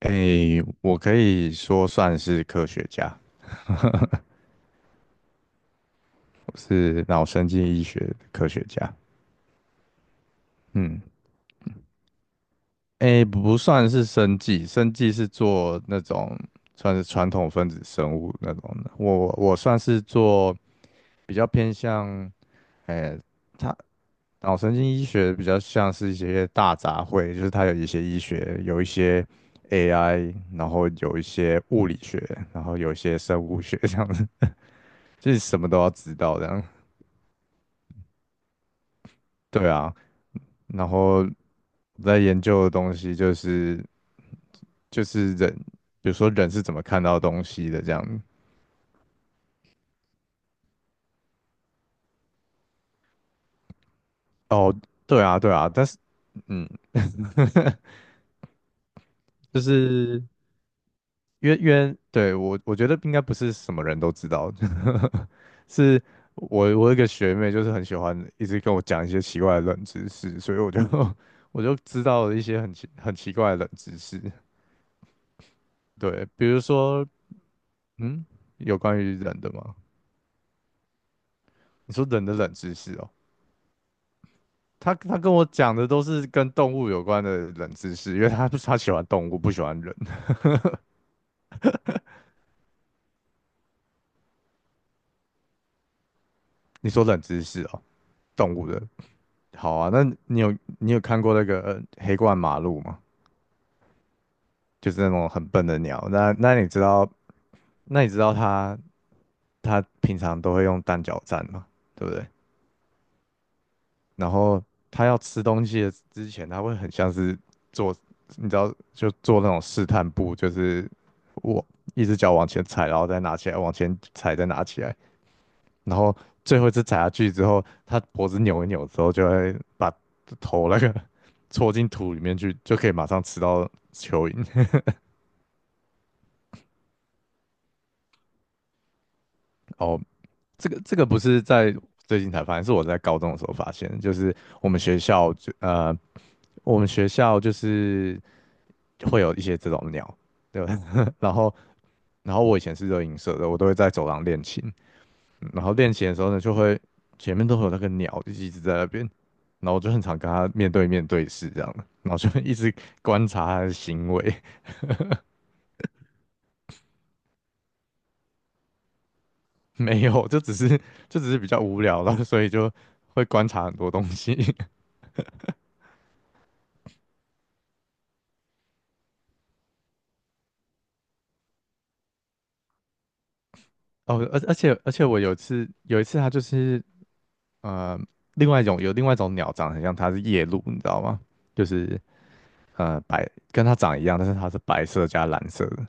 诶，我可以说算是科学家，我是脑神经医学的科学家。嗯，诶，不算是生技，生技是做那种算是传统分子生物那种的。我算是做比较偏向，诶，它脑神经医学比较像是一些大杂烩，就是它有一些医学，有一些 AI，然后有一些物理学，然后有一些生物学这样子，就是什么都要知道这样。对啊，然后我在研究的东西就是人，比如说人是怎么看到东西的这样。哦，对啊，对啊，但是嗯，就是因为对我觉得应该不是什么人都知道，是我有一个学妹就是很喜欢一直跟我讲一些奇怪的冷知识，所以我就 我就知道了一些很奇怪的冷知识。对，比如说嗯，有关于人的吗？你说人的冷知识哦。他跟我讲的都是跟动物有关的冷知识，因为他喜欢动物，不喜欢人。你说冷知识哦，动物的。好啊，那你有看过那个黑冠马鹭吗？就是那种很笨的鸟。那你知道，它平常都会用单脚站嘛，对不对？然后它要吃东西的之前，它会很像是做，你知道，就做那种试探步，就是我一只脚往前踩，然后再拿起来，往前踩，再拿起来。然后最后一次踩下去之后，它脖子扭一扭之后，就会把头那个 戳进土里面去，就可以马上吃到蚯蚓。哦，这个不是在最近才发现，是我在高中的时候发现的，就是我们学校就呃，我们学校就是会有一些这种鸟，对吧？然后然后我以前是热音社的，我都会在走廊练琴，然后练琴的时候呢，就会前面都会有那个鸟一直在那边，然后我就很常跟它面对面对视这样，然后就一直观察它的行为，没有，就只是比较无聊了，所以就会观察很多东西。哦，而且我有一次它就是呃另外一种有另外一种鸟长得很像它是夜鹭，你知道吗？就是跟它长一样，但是它是白色加蓝色的，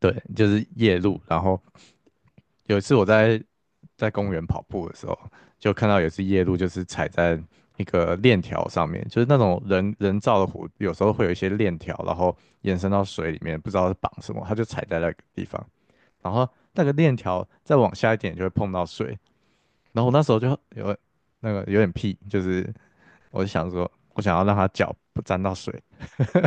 对，就是夜鹭，然后。有一次我在公园跑步的时候，就看到有一次夜路，就是踩在一个链条上面，就是那种人造的湖，有时候会有一些链条，然后延伸到水里面，不知道是绑什么，他就踩在那个地方，然后那个链条再往下一点就会碰到水，然后我那时候就有那个有点屁，就是我就想说，我想要让它脚不沾到水，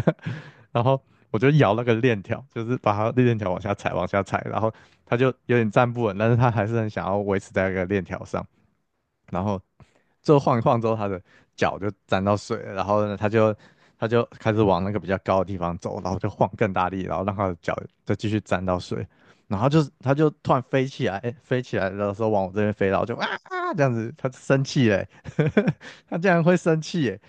然后我就摇那个链条，就是把它链条往下踩，往下踩，然后它就有点站不稳，但是它还是很想要维持在那个链条上，然后最后晃一晃之后，他的脚就沾到水了然后呢，他就开始往那个比较高的地方走，然后就晃更大力，然后让他的脚再继续沾到水，然后就是他就突然飞起来，诶飞起来的时候往我这边飞，然后就啊啊这样子，他就生气嘞，他竟然会生气耶！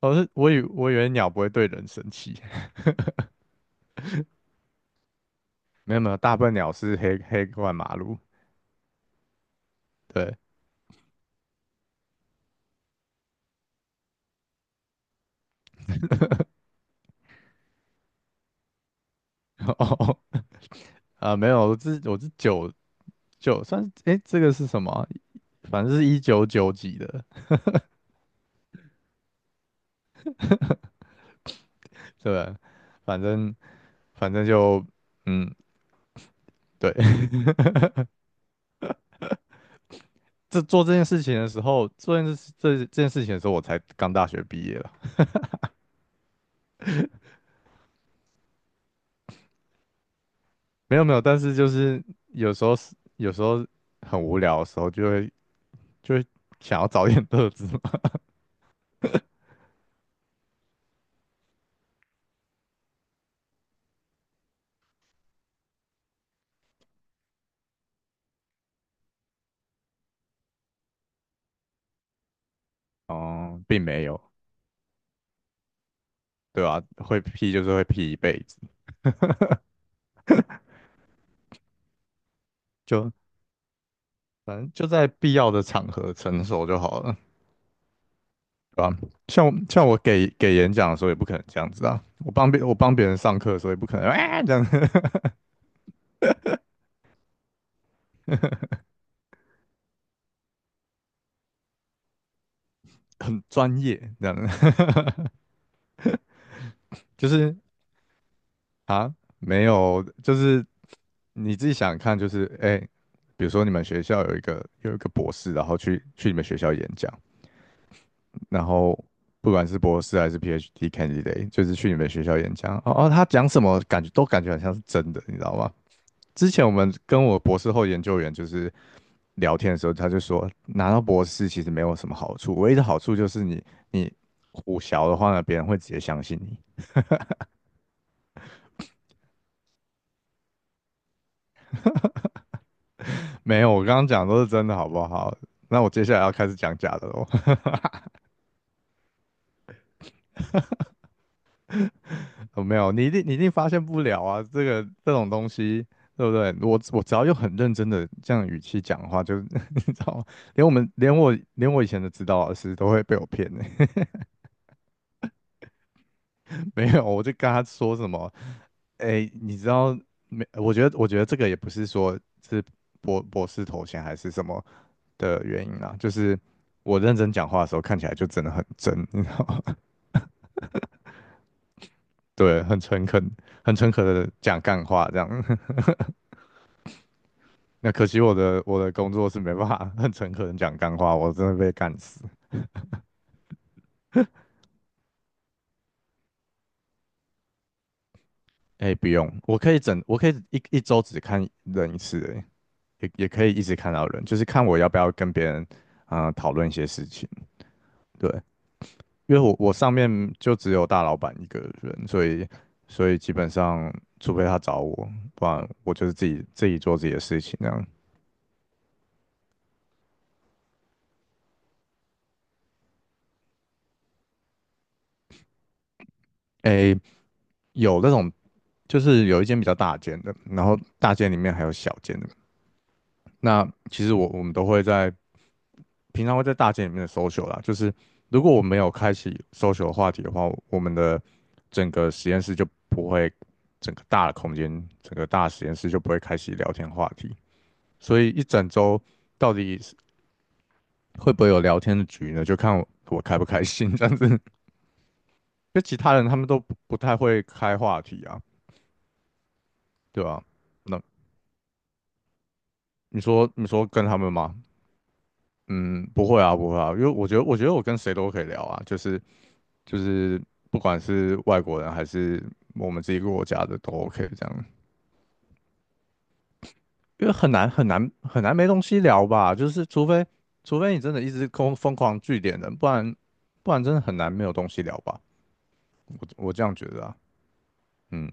我以为鸟不会对人生气，没有没有，大笨鸟是黑过马路，对，哦哦，没有，我是酒就算这个是什么啊反正是一九九几的，对，反正反正嗯，对，这做这件事情的时候，做这件事这这件事情的时候，我才刚大学毕业了，没有没有，但是就是有时候很无聊的时候，就会想要找点乐子嘛，哦，并没有，对吧、会 P 就是会 P 一辈子，就反正就在必要的场合成熟就好了。啊，吧？像我给演讲的时候也不可能这样子啊，我帮别人上课的时候也不可能啊这样，很专业这样，就是啊没有，就是你自己想想看，就是比如说你们学校有一个博士，然后去你们学校演讲，然后不管是博士还是 PhD candidate，就是去你们学校演讲，哦哦，他讲什么感觉好像是真的，你知道吗？之前我们跟我博士后研究员就是聊天的时候，他就说拿到博士其实没有什么好处，唯一的好处就是你胡淆的话呢，别人会直接相信你。没有，我刚刚讲的都是真的，好不好？那我接下来要开始讲假的喽。我没有，你一定发现不了啊，这个这种东西，对不对？我只要用很认真的这样语气讲话，就 你知道吗？连我们连我连我以前的指导老师都会被我骗呢、没有，我就跟他说什么，哎，你知道没？我觉得这个也不是说是博士头衔还是什么的原因啦，就是我认真讲话的时候看起来就真的很真，你知道吗？对，很诚恳，很诚恳的讲干话这样。那可惜我的工作是没办法很诚恳的讲干话，我真的被干死。哎，不用，我可以一周只看人一次，哎，也可以一直看到人，就是看我要不要跟别人讨论一些事情。对，因为我上面就只有大老板一个人，所以基本上，除非他找我，不然我就是自己做自己的事情这样。诶，有那种就是有一间比较大间的，然后大间里面还有小间的。那其实我们都会在平常会在大间里面的 social 啦，就是如果我没有开启 social 的话题的话，我们的整个实验室就不会，整个大的空间，整个大实验室就不会开启聊天话题。所以一整周到底会不会有聊天的局呢？就看我开不开心 这样子。就其他人他们都不太会开话题啊，对吧、那你说跟他们吗？嗯，不会啊，不会啊，因为我觉得我跟谁都可以聊啊，就是就是不管是外国人还是我们自己国家的都 OK 这样，因为很难没东西聊吧，就是除非你真的一直疯狂聚点人，不然真的很难没有东西聊吧，我这样觉得啊，嗯，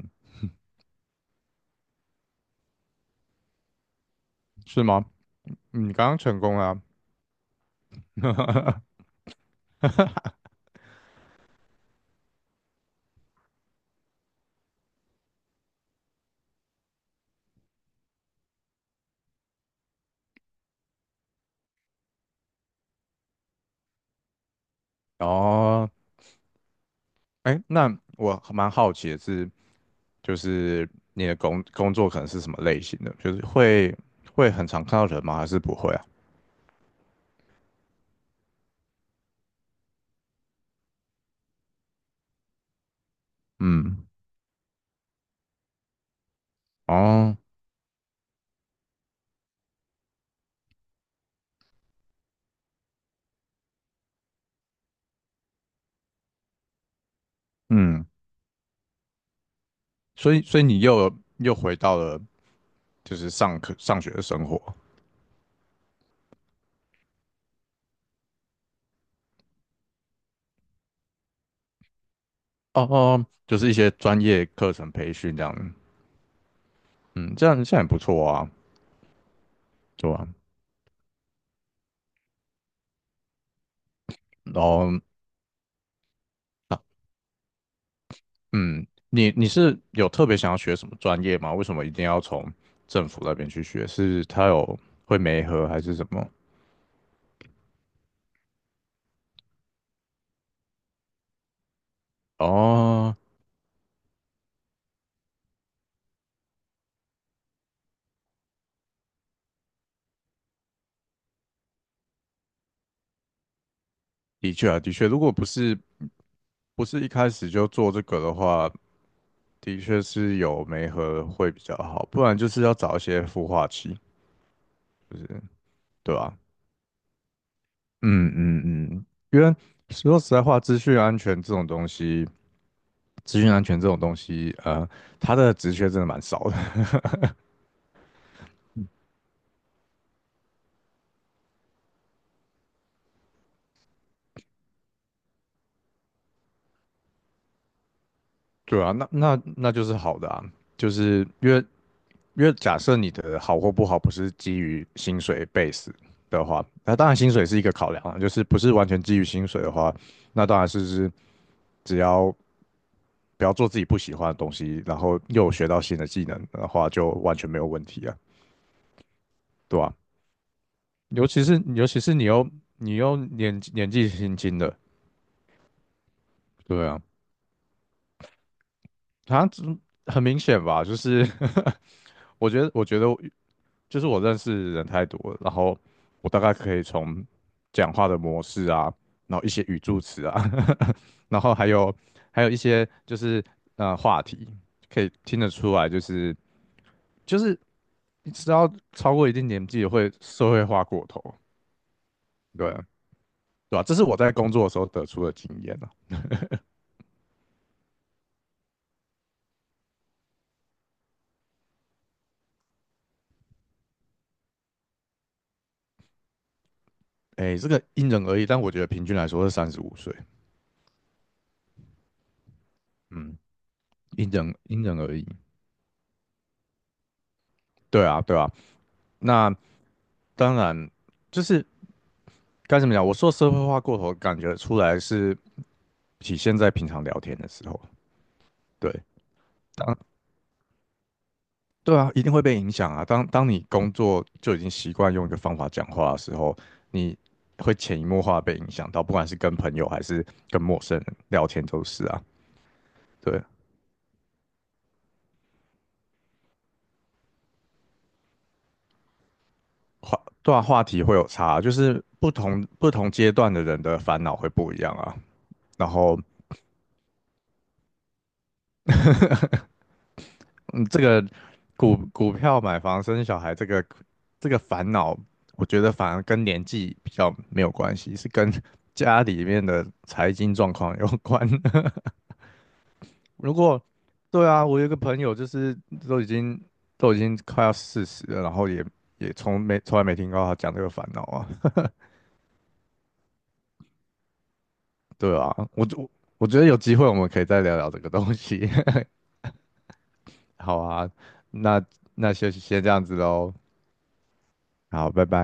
是吗？你刚刚成功了啊哦，哎，那我蛮好奇的是，就是你的工作可能是什么类型的？就是会很常看到人吗？还是不会啊？嗯，哦，嗯，所以你又回到了就是上课上学的生活哦哦，就是一些专业课程培训这样，嗯，这样也不错啊，对吧？然后。嗯，你是有特别想要学什么专业吗？为什么一定要从政府那边去学？是他有会媒合还是什么？哦，的确啊，的确，如果不是一开始就做这个的话，的确是有媒合会比较好，不然就是要找一些孵化器，就是对吧？嗯嗯嗯，因为说实在话，资讯安全这种东西，它的职缺真的蛮少的，对啊，那就是好的啊，就是因为假设你的好或不好不是基于薪水 base 的话，那当然薪水是一个考量啊，就是不是完全基于薪水的话，那当然是只要不要做自己不喜欢的东西，然后又有学到新的技能的话，就完全没有问题啊，对吧、尤其是你你又年纪轻轻的，对啊，他很明显吧，就是 我觉得，就是我认识人太多了，然后我大概可以从讲话的模式啊，然后一些语助词啊，然后还有一些就是话题，可以听得出来，就是就是你知道超过一定年纪会社会化过头，对对吧、这是我在工作的时候得出的经验啊。哎，这个因人而异，但我觉得平均来说是35岁，嗯，因人而异。对啊，对啊，那当然就是该怎么讲？我说社会化过头，感觉出来是体现在平常聊天的时候。对，当对啊，一定会被影响啊。当你工作就已经习惯用一个方法讲话的时候，你会潜移默化地被影响到，不管是跟朋友还是跟陌生人聊天都是啊。对，对啊，话题会有差啊，就是不同阶段的人的烦恼会不一样啊。然后嗯，这个股票买房生小孩这个烦恼，我觉得反而跟年纪比较没有关系，是跟 家里面的财经状况有关。如果对啊，我有一个朋友就是都已经都已经快要40了，然后也从来没听过他讲这个烦恼啊。对啊，我觉得有机会我们可以再聊聊这个东西。好啊，那那就先这样子喽。好，拜拜。